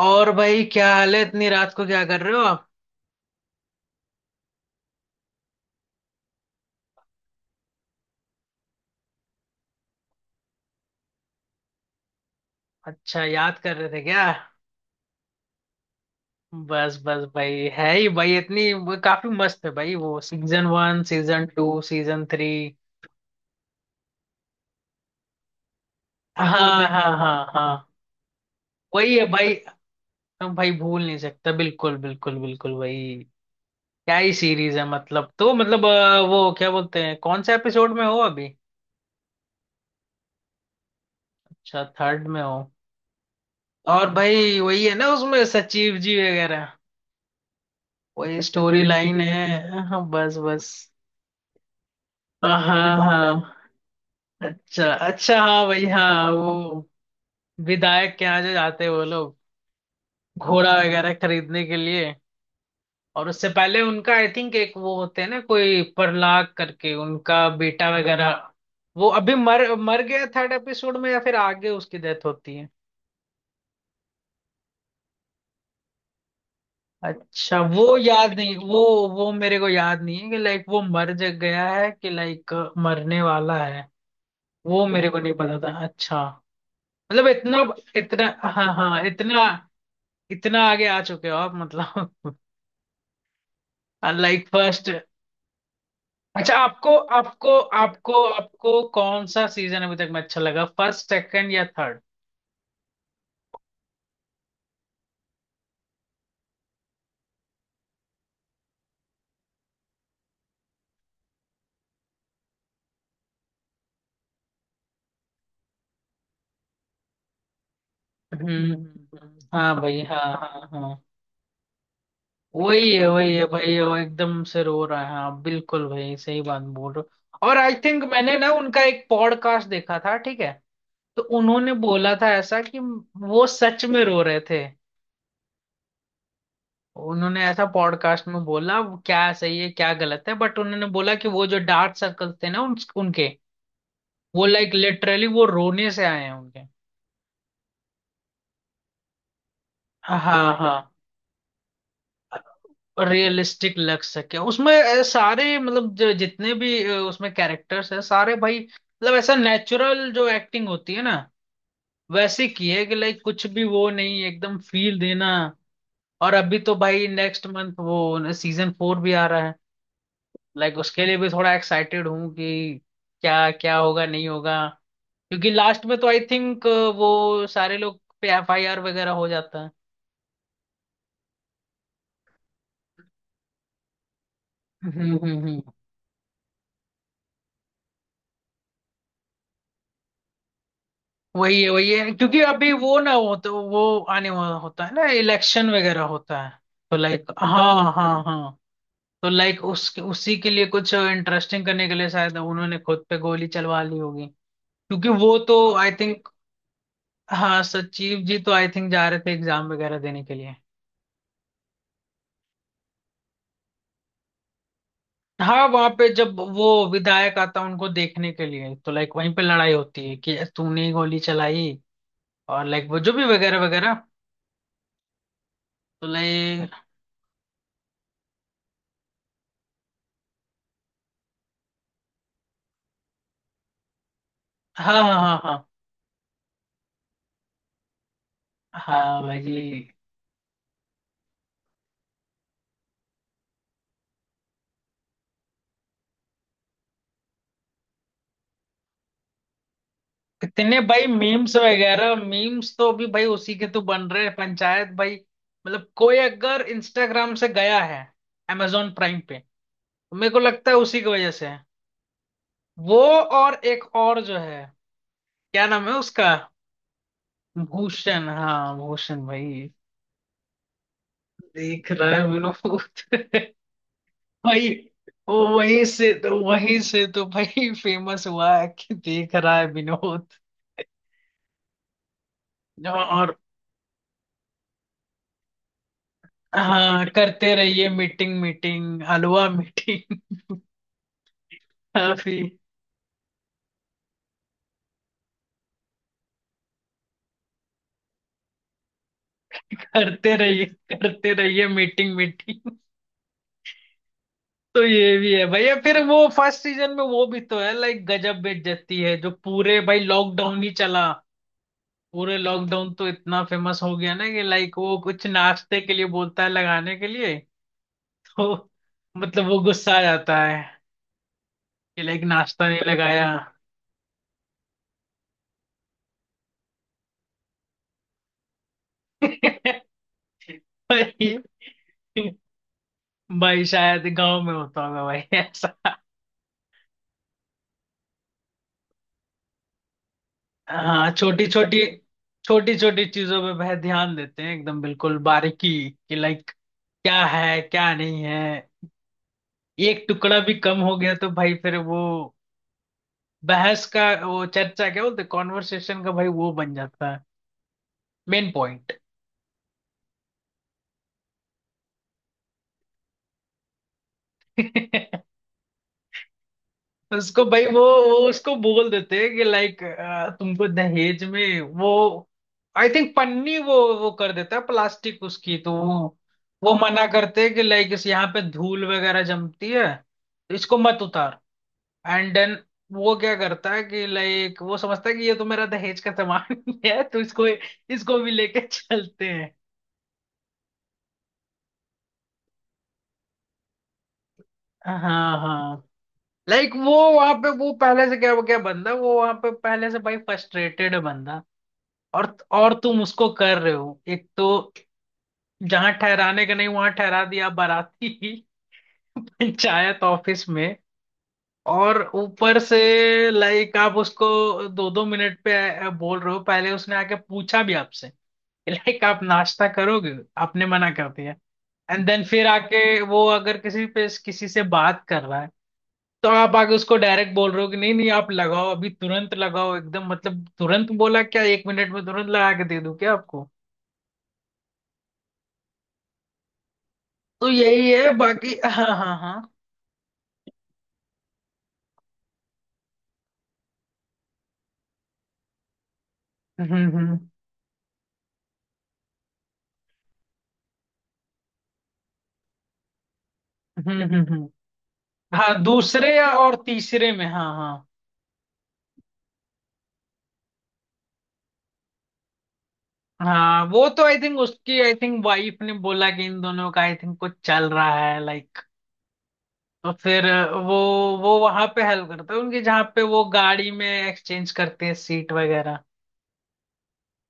और भाई, क्या हाल है इतनी रात को, क्या कर रहे हो आप? अच्छा, याद कर रहे थे क्या? बस बस भाई, है ही भाई, इतनी वो, काफी मस्त है भाई वो, season one, season two, season three. हाँ हाँ हाँ हाँ। वही है भाई। हम भाई, भूल नहीं सकता, बिल्कुल बिल्कुल बिल्कुल भाई। क्या ही सीरीज है, मतलब, तो मतलब वो क्या बोलते हैं, कौन से एपिसोड में हो अभी? अच्छा, थर्ड में हो। और भाई वही है ना उसमें, सचिव जी वगैरह। वही स्टोरी लाइन है, हाँ, बस बस। हाँ हाँ। अच्छा अच्छा, हाँ भाई, हाँ वो विधायक के यहाँ जो जाते हैं वो लोग, घोड़ा वगैरह खरीदने के लिए। और उससे पहले उनका, आई थिंक, एक वो होते हैं ना, कोई प्रहलाद करके उनका बेटा वगैरह, वो अभी मर मर गया थर्ड एपिसोड में, या फिर आगे उसकी डेथ होती है? अच्छा, वो याद नहीं, वो वो मेरे को याद नहीं है कि लाइक वो मर जग गया है, कि लाइक मरने वाला है। वो मेरे को नहीं पता था। अच्छा, मतलब इतना, इतना, हाँ हाँ, इतना, इतना आगे आ चुके हो आप मतलब? Like first. अच्छा, आपको आपको आपको आपको कौन सा सीजन अभी तक में अच्छा लगा, फर्स्ट, सेकंड या थर्ड? हम्म। हाँ भाई, हाँ हाँ हाँ। वही है भाई, वो एकदम से रो रहा है, हाँ, बिल्कुल भाई, सही बात बोल रहे हो। और आई थिंक मैंने ना उनका एक पॉडकास्ट देखा था, ठीक है, तो उन्होंने बोला था ऐसा कि वो सच में रो रहे थे। उन्होंने ऐसा पॉडकास्ट में बोला, वो क्या सही है क्या गलत है, बट उन्होंने बोला कि वो जो डार्क सर्कल्स थे ना उनके वो, लाइक लिटरली वो रोने से आए हैं उनके। हाँ हाँ, रियलिस्टिक लग सके। उसमें सारे, मतलब जितने भी उसमें कैरेक्टर्स हैं सारे भाई, मतलब ऐसा नेचुरल जो एक्टिंग होती है ना, वैसे की है, कि लाइक कुछ भी वो नहीं, एकदम फील देना। और अभी तो भाई नेक्स्ट मंथ वो सीजन फोर भी आ रहा है, लाइक उसके लिए भी थोड़ा एक्साइटेड हूँ, कि क्या क्या होगा, नहीं होगा, क्योंकि लास्ट में तो आई थिंक वो सारे लोग पे एफआईआर वगैरह हो जाता है। हम्म हम्म हम्म। वही है वही है, क्योंकि अभी वो ना हो तो वो आने वाला होता है ना, इलेक्शन वगैरह होता है, तो लाइक, हाँ हाँ हाँ, तो लाइक उसके, उसी के लिए कुछ इंटरेस्टिंग करने के लिए शायद उन्होंने खुद पे गोली चलवा ली होगी, क्योंकि वो तो, आई थिंक, हाँ, सचिव जी तो आई थिंक जा रहे थे एग्जाम वगैरह देने के लिए, हाँ, वहां पे जब वो विधायक आता है उनको देखने के लिए, तो लाइक वहीं पे लड़ाई होती है कि तूने ही गोली चलाई, और लाइक वो जो भी वगैरह वगैरह, तो लाइक। हाँ हाँ हाँ हाँ, हाँ भाई, कितने भाई मीम्स वगैरह, मीम्स तो अभी भाई उसी के तो बन रहे हैं पंचायत भाई। मतलब कोई अगर इंस्टाग्राम से गया है amazon प्राइम पे, तो मेरे को लगता है उसी की वजह से है। वो, और एक और जो है, क्या नाम है उसका? भूषण, हाँ भूषण भाई, देख रहा है विनोद भाई वो वहीं से तो, वहीं से तो भाई फेमस हुआ है कि देख रहा है विनोद, और हाँ, करते रहिए मीटिंग मीटिंग हलवा मीटिंग, काफी, करते रहिए, करते रहिए मीटिंग मीटिंग। तो ये भी है भैया, फिर वो फर्स्ट सीजन में वो भी तो है, लाइक गजब बेइज्जती है, जो पूरे भाई लॉकडाउन ही चला, पूरे लॉकडाउन तो इतना फेमस हो गया ना, कि लाइक वो कुछ नाश्ते के लिए बोलता है लगाने के लिए, वो, मतलब वो गुस्सा आ जाता है कि लाइक नाश्ता नहीं लगाया। भाई, भाई शायद गांव में होता होगा भाई ऐसा। हाँ, छोटी छोटी, छोटी छोटी चीजों पे वह ध्यान देते हैं, एकदम बिल्कुल बारीकी कि लाइक क्या है क्या नहीं है, एक टुकड़ा भी कम हो गया तो भाई फिर वो बहस का, वो चर्चा, क्या बोलते, कॉन्वर्सेशन का भाई वो बन जाता है मेन पॉइंट। उसको भाई वो उसको बोल देते हैं कि लाइक तुमको दहेज में वो, आई थिंक, पन्नी, वो कर देता है प्लास्टिक उसकी, तो वो मना करते हैं कि लाइक इस, यहाँ पे धूल वगैरह जमती है, तो इसको मत उतार, एंड देन वो क्या करता है कि लाइक वो समझता है कि ये तो मेरा दहेज का सामान है, तो इसको, इसको भी लेके चलते हैं। हाँ हाँ। लाइक वो वहां पे, वो पहले से, क्या क्या बंदा, वो वहां पे पहले से भाई फ्रस्ट्रेटेड है बंदा, और तुम उसको कर रहे हो, एक तो जहां ठहराने का नहीं वहां ठहरा दिया बाराती पंचायत ऑफिस में, और ऊपर से लाइक आप उसको दो दो मिनट पे बोल रहे हो, पहले उसने आके पूछा भी आपसे, लाइक आप नाश्ता करोगे, आपने मना कर दिया, एंड देन फिर आके वो अगर किसी पे किसी से बात कर रहा है, तो आप आगे उसको डायरेक्ट बोल रहे हो कि नहीं नहीं आप लगाओ अभी तुरंत लगाओ एकदम, मतलब तुरंत बोला क्या, एक मिनट में तुरंत लगा के दे दूं क्या आपको? तो यही है बाकी हाँ हाँ हाँ। हम्म हम्म हम्म हम्म हम्म। हाँ दूसरे या और तीसरे में, हाँ हाँ। हाँ वो तो आई थिंक उसकी, आई थिंक वाइफ ने बोला कि इन दोनों का आई थिंक कुछ चल रहा है लाइक, तो फिर वो वो वहां पे हेल्प करता है उनके, जहाँ पे वो गाड़ी में एक्सचेंज करते हैं सीट वगैरह,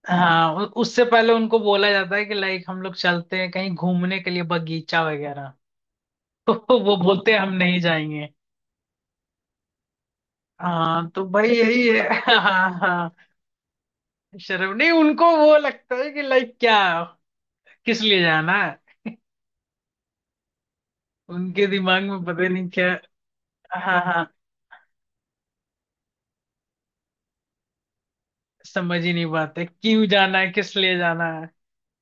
हाँ, उससे पहले उनको बोला जाता है कि लाइक हम लोग चलते हैं कहीं घूमने के लिए बगीचा वगैरह तो वो बोलते हैं हम नहीं जाएंगे। हाँ, तो भाई यही है हाँ हाँ, शर्म नहीं, उनको वो लगता है कि लाइक क्या, किस लिए जाना है, उनके दिमाग में पता नहीं क्या। हाँ हाँ, समझ ही नहीं पाते, क्यों जाना है, किस लिए जाना है।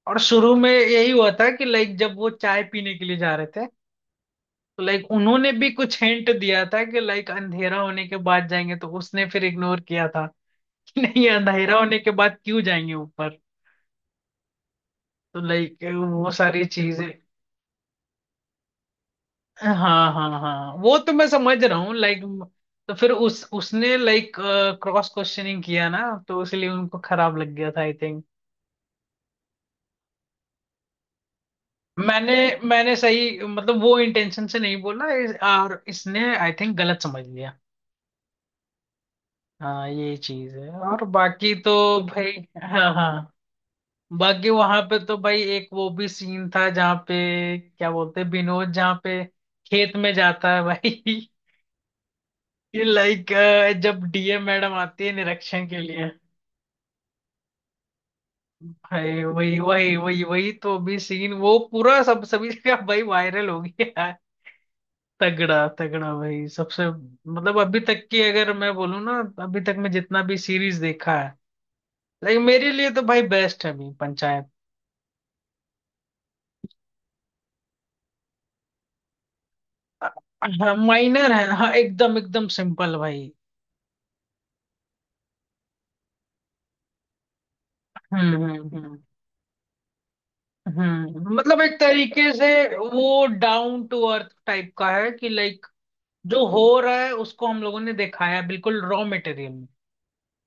और शुरू में यही हुआ था, कि लाइक जब वो चाय पीने के लिए जा रहे थे, तो लाइक उन्होंने भी कुछ हिंट दिया था कि लाइक अंधेरा होने के बाद जाएंगे, तो उसने फिर इग्नोर किया था कि नहीं, अंधेरा होने के बाद क्यों जाएंगे ऊपर, तो लाइक वो सारी चीजें। हाँ हाँ हाँ, वो तो मैं समझ रहा हूँ लाइक, तो फिर उस उसने लाइक क्रॉस क्वेश्चनिंग किया ना, तो इसलिए उनको खराब लग गया था आई थिंक। मैंने मैंने सही, मतलब वो इंटेंशन से नहीं बोला और इसने आई थिंक गलत समझ लिया। हाँ ये चीज है, और बाकी तो भाई। हाँ हाँ। बाकी वहां पे तो भाई एक वो भी सीन था, जहाँ पे क्या बोलते हैं विनोद, जहाँ पे खेत में जाता है भाई लाइक, जब डीएम मैडम आती है निरीक्षण के लिए। भाई वही वही वही वही, तो अभी सीन वो पूरा सब, सभी जगह भाई वायरल हो गया है, तगड़ा तगड़ा भाई सबसे, मतलब अभी तक की, अगर मैं बोलूँ ना अभी तक मैं जितना भी सीरीज देखा है, लेकिन मेरे लिए तो भाई बेस्ट है अभी पंचायत। हाँ माइनर है, हाँ एकदम एकदम सिंपल भाई। हम्म हम्म मतलब एक तरीके से वो डाउन टू अर्थ टाइप का है, कि लाइक जो हो रहा है उसको हम लोगों ने दिखाया है, बिल्कुल रॉ मटेरियल,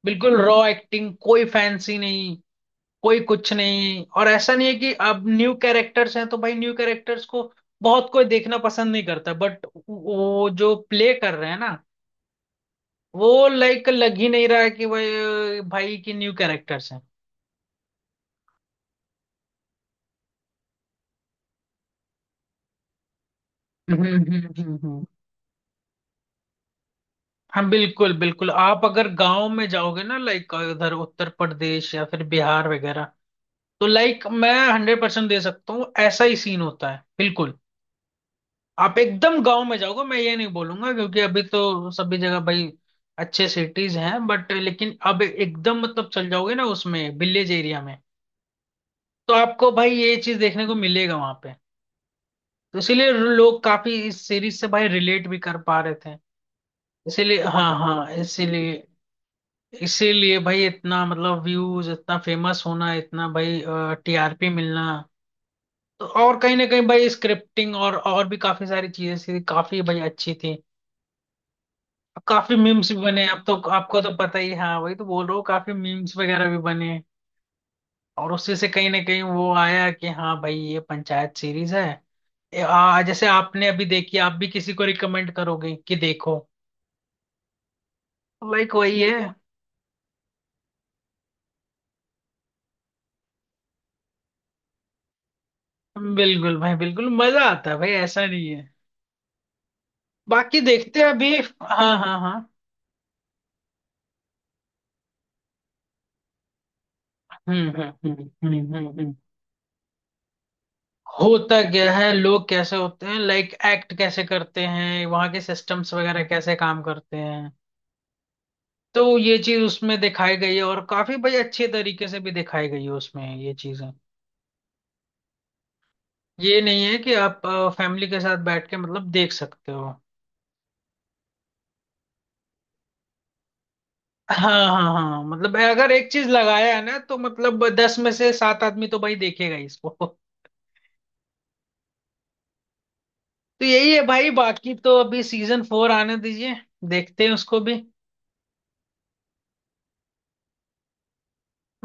बिल्कुल रॉ एक्टिंग, कोई फैंसी नहीं, कोई कुछ नहीं। और ऐसा नहीं है कि अब न्यू कैरेक्टर्स हैं तो भाई न्यू कैरेक्टर्स को बहुत कोई देखना पसंद नहीं करता, बट वो जो प्ले कर रहे हैं ना, वो लाइक लग ही नहीं रहा है कि भाई, भाई की न्यू कैरेक्टर्स हैं। हम्म हम्म हम्म हम्म। हाँ बिल्कुल बिल्कुल, आप अगर गांव में जाओगे ना लाइक इधर, उत्तर प्रदेश या फिर बिहार वगैरह, तो लाइक मैं 100% दे सकता हूँ ऐसा ही सीन होता है, बिल्कुल। आप एकदम गांव में जाओगे, मैं ये नहीं बोलूंगा क्योंकि अभी तो सभी जगह भाई अच्छे सिटीज हैं, बट लेकिन अब एकदम मतलब चल जाओगे ना उसमें विलेज एरिया में, तो आपको भाई ये चीज देखने को मिलेगा वहां पे। तो इसीलिए लोग काफी इस सीरीज से भाई रिलेट भी कर पा रहे थे, इसीलिए, हाँ हाँ, इसीलिए, इसीलिए भाई इतना, मतलब व्यूज, इतना फेमस होना, इतना भाई टीआरपी मिलना, तो, और कहीं ना कहीं भाई स्क्रिप्टिंग, और भी काफी सारी चीजें थी, काफी भाई अच्छी थी, अब काफी मीम्स भी बने अब, तो आपको तो पता ही है, हाँ वही तो बोल रहा हूँ, काफी मीम्स वगैरह भी बने, और उससे से कहीं ना कहीं वो आया कि हाँ भाई ये पंचायत सीरीज है, जैसे आपने अभी देखी, आप भी किसी को रिकमेंड करोगे कि देखो लाइक, वही है। बिल्कुल भाई, बिल्कुल मजा आता है भाई, ऐसा नहीं है, बाकी देखते हैं अभी, हाँ हाँ हाँ। हम्म हम्म हम्म हम्म हम्म हम्म। होता क्या है, लोग कैसे होते हैं, लाइक एक्ट कैसे करते हैं, वहाँ के सिस्टम्स वगैरह कैसे काम करते हैं, तो ये चीज उसमें दिखाई गई है, और काफी भाई अच्छे तरीके से भी दिखाई गई है उसमें ये चीजें। ये नहीं है कि आप फैमिली के साथ बैठ के मतलब देख सकते हो। हाँ हाँ हाँ हाँ, मतलब अगर एक चीज लगाया है ना, तो मतलब 10 में से सात आदमी तो भाई देखेगा ही इसको तो यही है भाई, बाकी तो अभी सीजन फोर आने दीजिए, देखते हैं उसको भी।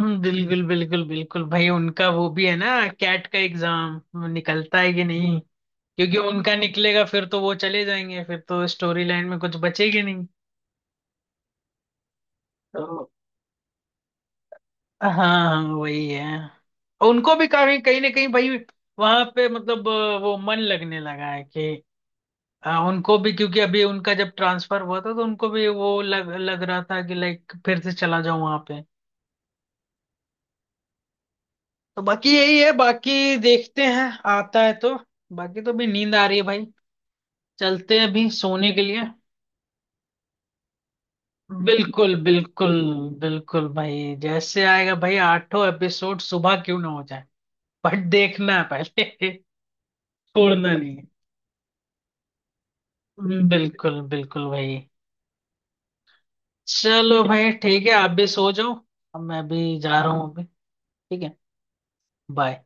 बिल्कुल बिल्कुल बिल्कुल भाई, उनका वो भी है ना, कैट का एग्जाम निकलता है कि नहीं, क्योंकि उनका निकलेगा फिर तो वो चले जाएंगे, फिर तो स्टोरी लाइन में कुछ बचेगी, तो, हाँ हाँ वही है। और उनको भी कहीं कहीं ना कहीं भाई वहां पे, मतलब वो मन लगने लगा है कि उनको भी, क्योंकि अभी उनका जब ट्रांसफर हुआ था तो उनको भी वो लग लग रहा था कि लाइक फिर से चला जाऊं वहां पे, तो बाकी यही है, बाकी देखते हैं, आता है तो। बाकी तो भी नींद आ रही है भाई, चलते हैं अभी सोने के लिए। बिल्कुल बिल्कुल बिल्कुल भाई, जैसे आएगा भाई आठों एपिसोड, सुबह क्यों ना हो जाए, बट देखना है पहले छोड़ना नहीं, बिल्कुल बिल्कुल भाई। चलो भाई ठीक है, आप भी सो जाओ, अब मैं भी जा रहा हूँ अभी, ठीक है, बाय।